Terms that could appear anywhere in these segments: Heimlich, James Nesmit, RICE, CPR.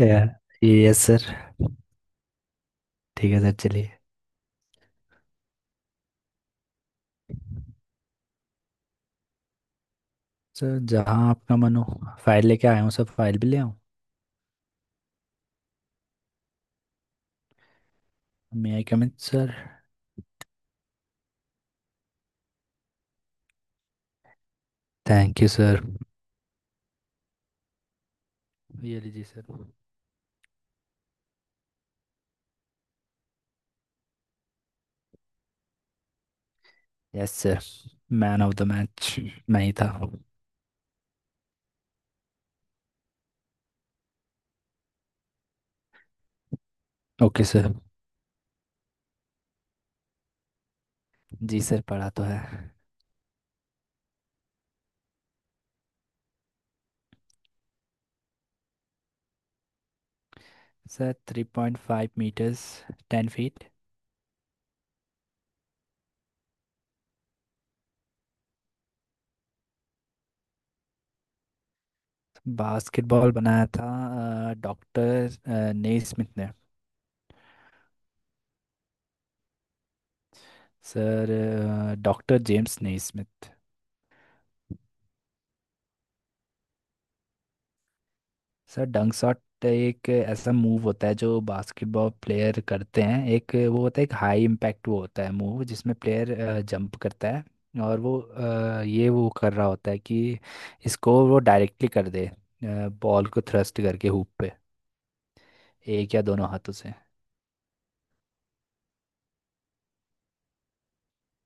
या yes sir. ठीक है सर, चलिए। सर, जहाँ आपका मन हो। फाइल लेके आया हूँ सर, फाइल भी ले आऊँ? May I come in sir? Thank you sir. ये लीजिए सर। Yes sir. Man of the match मैं ही था। Okay sir. जी सर, पढ़ा तो है। Sir three point five metres. Ten feet. Basketball बनाया था डॉक्टर नेस्मिथ ने। Sir doctor James Naismith. Sir dunk shot एक ऐसा मूव होता है जो बास्केटबॉल प्लेयर करते हैं। एक वो होता है, एक हाई इम्पैक्ट वो होता है मूव जिसमें प्लेयर जंप करता है। और वो ये वो कर रहा होता है कि इसको वो डायरेक्टली कर दे, बॉल को थ्रस्ट करके हुप पे, एक या दोनों हाथों से।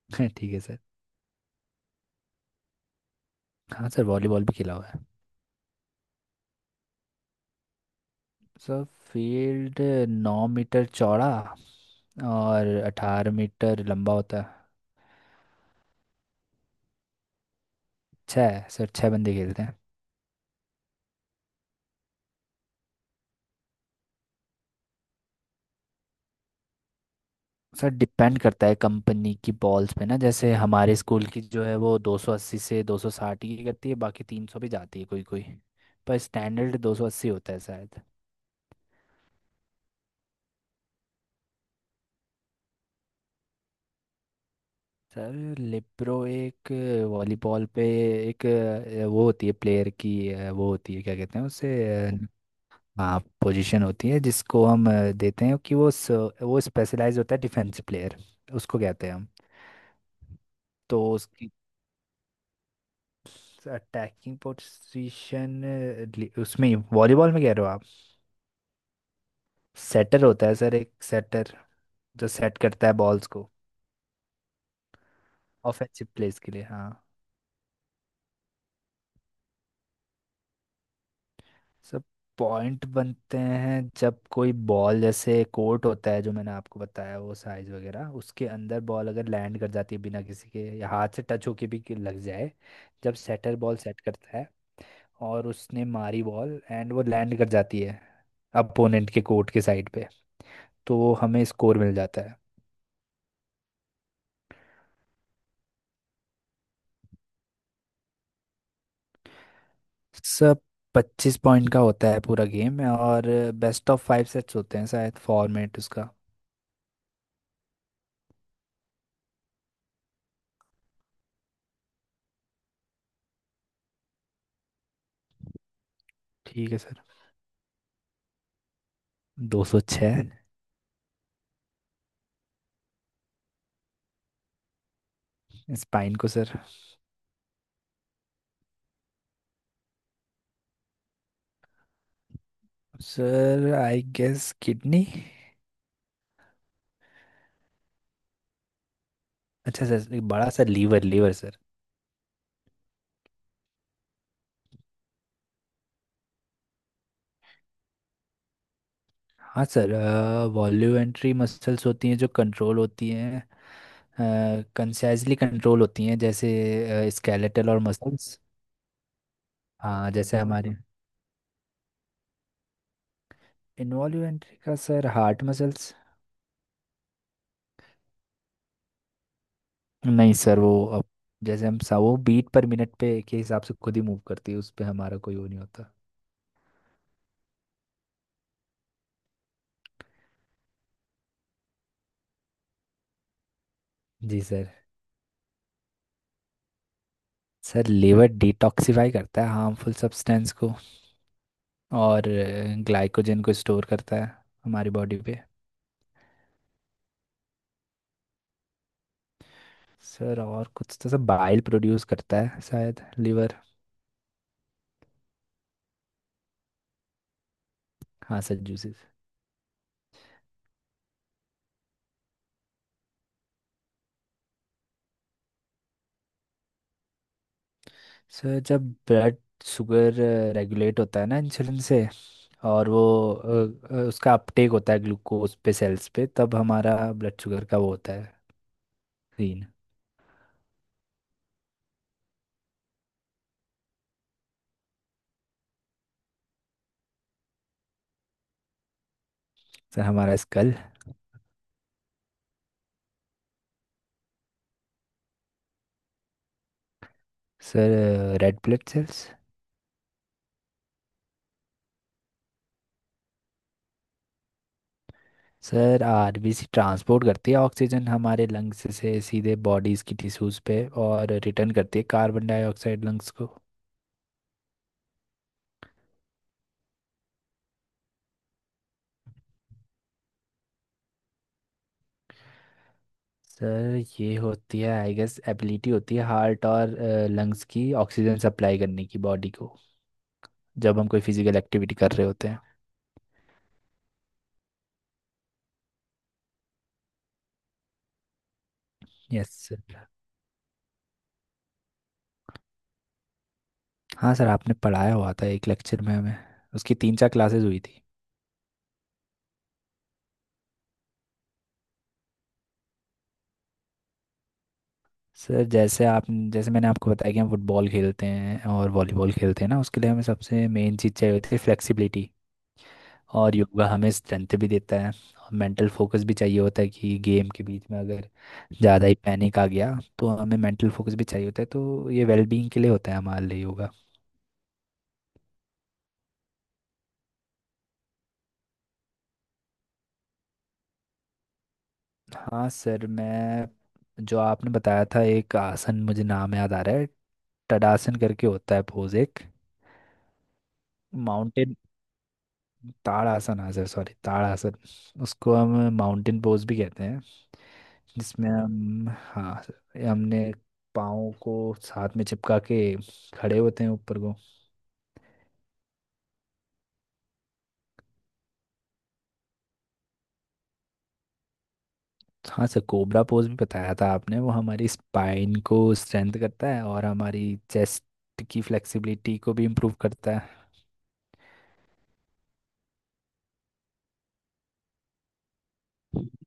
ठीक है सर। हाँ सर, वॉलीबॉल भी खेला हुआ है। सर फील्ड 9 मीटर चौड़ा और 18 मीटर लंबा होता है। छः सर, छः बंदे खेलते हैं। सर डिपेंड करता है कंपनी की बॉल्स पे ना। जैसे हमारे स्कूल की जो है वो 280 से 260 की करती है, बाकी 300 भी जाती है कोई कोई। पर स्टैंडर्ड 280 होता है शायद। सर लिप्रो एक, वॉलीबॉल पे एक वो होती है प्लेयर की, वो होती है, क्या कहते हैं उसे। अ, हाँ, पोजीशन होती है जिसको हम देते हैं, कि वो वो स्पेशलाइज होता है डिफेंस प्लेयर, उसको कहते हैं हम। तो उसकी अटैकिंग पोजीशन, उसमें वॉलीबॉल में कह रहे हो आप? सेटर होता है सर, एक सेटर जो सेट करता है बॉल्स को, ऑफेंसिव प्लेस के लिए, हाँ। सर पॉइंट बनते हैं जब कोई बॉल, जैसे कोर्ट होता है जो मैंने आपको बताया वो साइज वगैरह, उसके अंदर बॉल अगर लैंड कर जाती है बिना किसी के, या हाथ से टच होके भी कि लग जाए। जब सेटर बॉल सेट करता है और उसने मारी बॉल, एंड वो लैंड कर जाती है अपोनेंट के कोर्ट के साइड पे, तो हमें स्कोर मिल जाता है। सब 25 पॉइंट का होता है पूरा गेम, और बेस्ट ऑफ फाइव सेट्स होते हैं शायद फॉर्मेट उसका। ठीक है सर। 206। स्पाइन को sir. Sir I guess kidney. अच्छा सर, एक बड़ा सा लीवर, लीवर सर। हाँ सर, वॉल्यूमेंट्री मसल्स होती हैं जो कंट्रोल होती हैं, कंसाइजली कंट्रोल होती हैं, जैसे स्केलेटल और मसल्स। हाँ, जैसे हमारे। इन्वॉल्यूमेंट्री का सर हार्ट मसल्स। नहीं सर, वो अब जैसे हम सा वो बीट पर मिनट पे के हिसाब से खुद ही मूव करती है, उस पे हमारा कोई वो नहीं होता। जी सर। सर लीवर डिटॉक्सिफाई करता है हार्मफुल सब्सटेंस को, और ग्लाइकोजन को स्टोर करता है हमारी बॉडी पे। सर और कुछ तो, सर बाइल प्रोड्यूस करता है शायद लीवर। हाँ सर, जूसेस। सर जब ब्लड शुगर रेगुलेट होता है ना इंसुलिन से, और वो उसका अपटेक होता है ग्लूकोज पे सेल्स पे, तब हमारा ब्लड शुगर का वो होता है सीन। सर हमारा skull. Sir red blood cells. Sir RBC transport करती है ऑक्सीजन हमारे लंग्स से सीधे बॉडीज की टिश्यूज पे, और रिटर्न करती है कार्बन डाइऑक्साइड लंग्स को। सर ये होती है आई गेस एबिलिटी होती है हार्ट और लंग्स की ऑक्सीजन सप्लाई करने की बॉडी को, जब हम कोई फिजिकल एक्टिविटी कर रहे होते हैं। Yes sir. हाँ सर, आपने पढ़ाया हुआ था एक लेक्चर में हमें, उसकी 3-4 क्लासेस हुई थी। सर जैसे आप, जैसे मैंने आपको बताया कि हम फुटबॉल खेलते हैं और वॉलीबॉल खेलते हैं ना, उसके लिए हमें सबसे मेन चीज़ चाहिए होती है फ्लेक्सिबिलिटी। और योगा हमें स्ट्रेंथ भी देता है, और मेंटल फोकस भी चाहिए होता है कि गेम के बीच में अगर ज़्यादा ही पैनिक आ गया, तो हमें मेंटल फोकस भी चाहिए होता है। तो ये वेलबींग के लिए होता है हमारे लिए योगा। हाँ सर, मैं, जो आपने बताया था एक आसन मुझे नाम याद आ रहा है, टडासन करके होता है पोज एक। माउंटेन, ताड़ासन आसन, सॉरी ताड़ासन। उसको हम माउंटेन पोज भी कहते हैं। जिसमें हम, हाँ सर, हमने पाँव को साथ में चिपका के खड़े होते हैं ऊपर को। हाँ सर, कोबरा पोज भी बताया था आपने, वो हमारी स्पाइन को स्ट्रेंथ करता है और हमारी चेस्ट की फ्लेक्सिबिलिटी को भी इम्प्रूव करता है।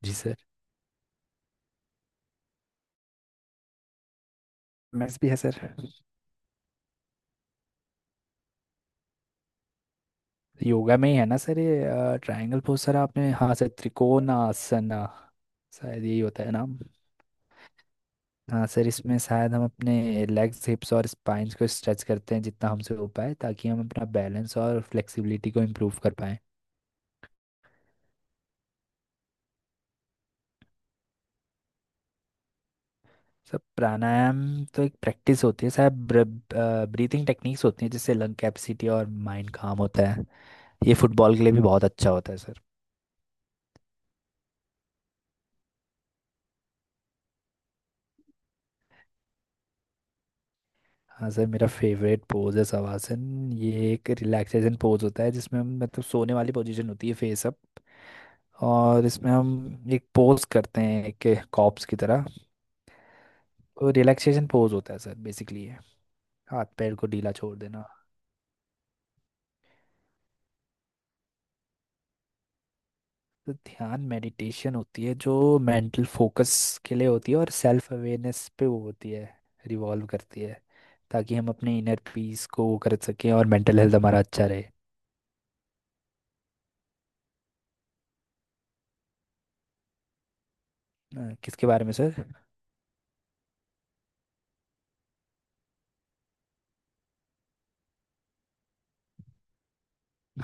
जी सर, मैथ्स भी है सर। योगा में ही है ना सर ये ट्रायंगल पोज? सर आपने, हाँ सर, त्रिकोणासन शायद यही होता है नाम। हाँ सर, इसमें शायद हम अपने लेग्स, हिप्स और स्पाइंस को स्ट्रेच करते हैं जितना हमसे हो पाए, ताकि हम अपना बैलेंस और फ्लेक्सिबिलिटी को इम्प्रूव कर पाएं। सर प्राणायाम तो एक प्रैक्टिस होती है शायद, ब्रीथिंग टेक्निक्स होती हैं जिससे लंग कैपेसिटी और माइंड काम होता है। ये फुटबॉल के लिए भी बहुत अच्छा होता है सर। हाँ सर, मेरा फेवरेट पोज है शवासन। ये एक रिलैक्सेशन पोज होता है जिसमें हम, मतलब सोने वाली पोजीशन होती है फेस अप। और इसमें हम एक पोज करते हैं एक कॉप्स की तरह। तो रिलैक्सेशन पोज होता है सर, बेसिकली है हाथ पैर को ढीला छोड़ देना। तो ध्यान मेडिटेशन होती है, जो मेंटल फोकस के लिए होती है, और सेल्फ अवेयरनेस पे वो होती है, रिवॉल्व करती है, ताकि हम अपने इनर पीस को वो कर सकें और मेंटल हेल्थ हमारा अच्छा रहे। किसके बारे में सर?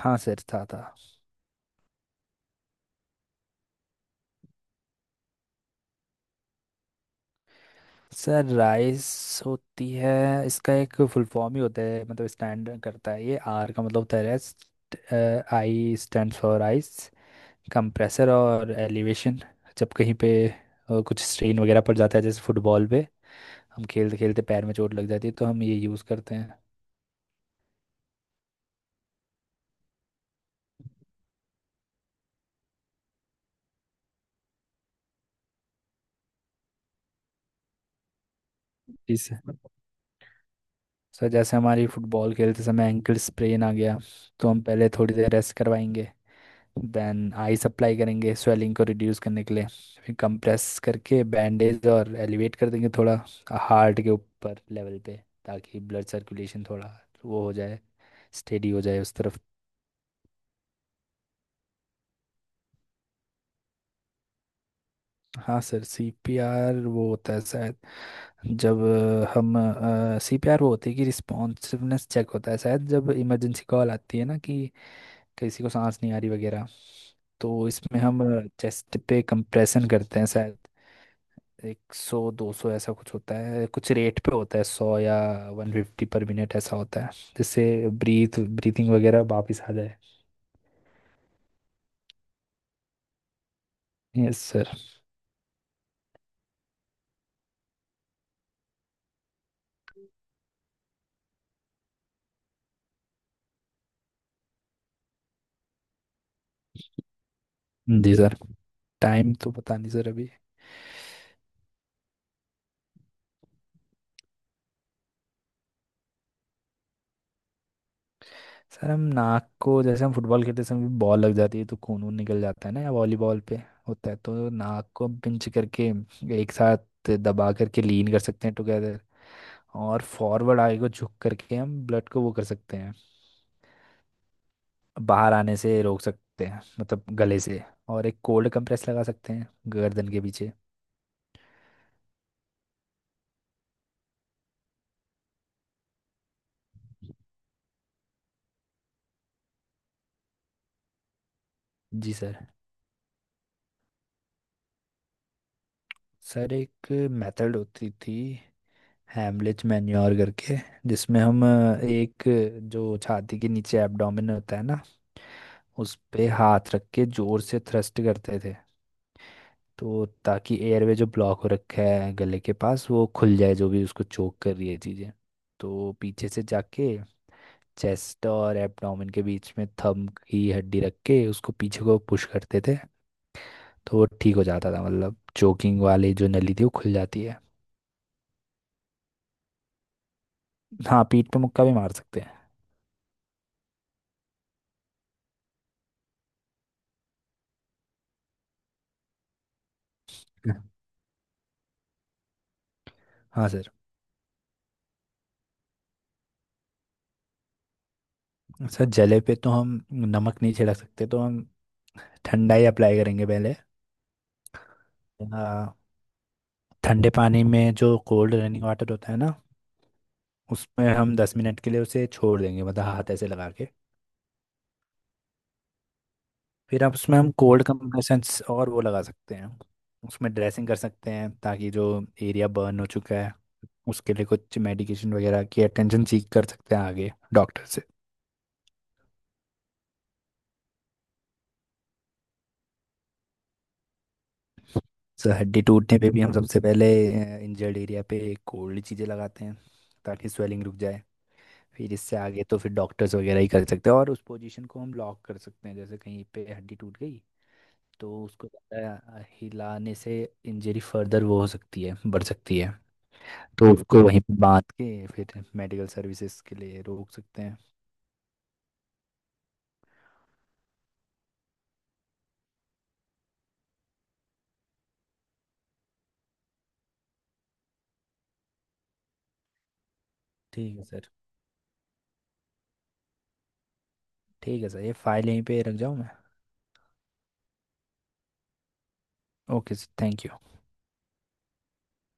हाँ सर, था था। सर राइस होती है, इसका एक फुल फॉर्म ही होता है, मतलब स्टैंड करता है ये। आर का मतलब होता है rest, I stand for ice, compressor और एलिवेशन। जब कहीं पे कुछ स्ट्रेन वगैरह पड़ जाता है, जैसे फुटबॉल पे हम खेलते खेलते पैर में चोट लग जाती है, तो हम ये यूज़ करते हैं। इस सर जैसे हमारी फुटबॉल खेलते समय एंकल स्प्रेन आ गया, तो हम पहले थोड़ी देर रेस्ट करवाएंगे, देन आइस अप्लाई करेंगे स्वेलिंग को रिड्यूस करने के लिए, फिर कंप्रेस करके बैंडेज और एलिवेट कर देंगे थोड़ा हार्ट के ऊपर लेवल पे, ताकि ब्लड सर्कुलेशन थोड़ा वो हो जाए, स्टेडी हो जाए उस तरफ। हाँ सर, सीपीआर वो होता है शायद, जब हम, सीपीआर वो होती है कि रिस्पॉन्सिवनेस चेक होता है शायद, जब इमरजेंसी कॉल आती है ना कि किसी को सांस नहीं आ रही वगैरह। तो इसमें हम चेस्ट पे कंप्रेशन करते हैं शायद, एक सौ दो सौ ऐसा कुछ होता है, कुछ रेट पे होता है, सौ या 150 पर मिनट ऐसा होता है, जिससे ब्रीथिंग वगैरह वापस आ जाए। Yes sir. जी सर, टाइम तो पता नहीं सर अभी। सर हम नाक को, जैसे हम फुटबॉल खेलते समय बॉल लग जाती है तो खून वून निकल जाता है ना, या वॉलीबॉल पे होता है, तो नाक को हम पिंच करके एक साथ दबा करके लीन कर सकते हैं टुगेदर, और फॉरवर्ड आगे को झुक करके हम ब्लड को वो कर सकते हैं, बाहर आने से रोक सकते हैं मतलब गले से। और एक कोल्ड कंप्रेस लगा सकते हैं गर्दन के पीछे। जी सर। सर एक मेथड होती थी, हैमलिच मैन्योर करके, जिसमें हम एक, जो छाती के नीचे एब्डोमेन होता है ना, उस पे हाथ रख के जोर से थ्रस्ट करते थे, तो ताकि एयरवे जो ब्लॉक हो रखा है गले के पास वो खुल जाए, जो भी उसको चोक कर रही है चीज़ें। तो पीछे से जाके चेस्ट और एब्डोमेन के बीच में थंब की हड्डी रख के उसको पीछे को पुश करते थे, तो वो ठीक हो जाता था, मतलब चोकिंग वाली जो नली थी वो खुल जाती है। हाँ, पीठ पे मुक्का भी मार सकते हैं। हाँ सर। सर जले पे तो हम नमक नहीं छिड़क सकते, तो हम ठंडा ही अप्लाई करेंगे पहले। आ, ठंडे पानी में जो कोल्ड रनिंग वाटर होता है ना, उसमें हम 10 मिनट के लिए उसे छोड़ देंगे, मतलब हाथ ऐसे लगा के। फिर अब उसमें हम कोल्ड कंप्रेशंस और वो लगा सकते हैं। उसमें ड्रेसिंग कर सकते हैं, ताकि जो एरिया बर्न हो चुका है, उसके लिए कुछ मेडिकेशन वगैरह की अटेंशन सीख कर सकते हैं आगे डॉक्टर से। सर हड्डी टूटने पे भी हम सबसे पहले इंजर्ड एरिया पे कोल्ड चीज़ें लगाते हैं, ताकि स्वेलिंग रुक जाए। फिर इससे आगे तो फिर डॉक्टर्स वगैरह ही कर सकते हैं, और उस पोजीशन को हम लॉक कर सकते हैं, जैसे कहीं पे हड्डी टूट गई, तो उसको ज़्यादा हिलाने से इंजरी फर्दर वो हो सकती है, बढ़ सकती है। तो उसको वहीं पे बांध के फिर मेडिकल सर्विसेज के लिए रोक सकते हैं। ठीक है सर। ठीक है सर, ये फाइल यहीं पे रख जाऊँ मैं? Okay sir, thank you.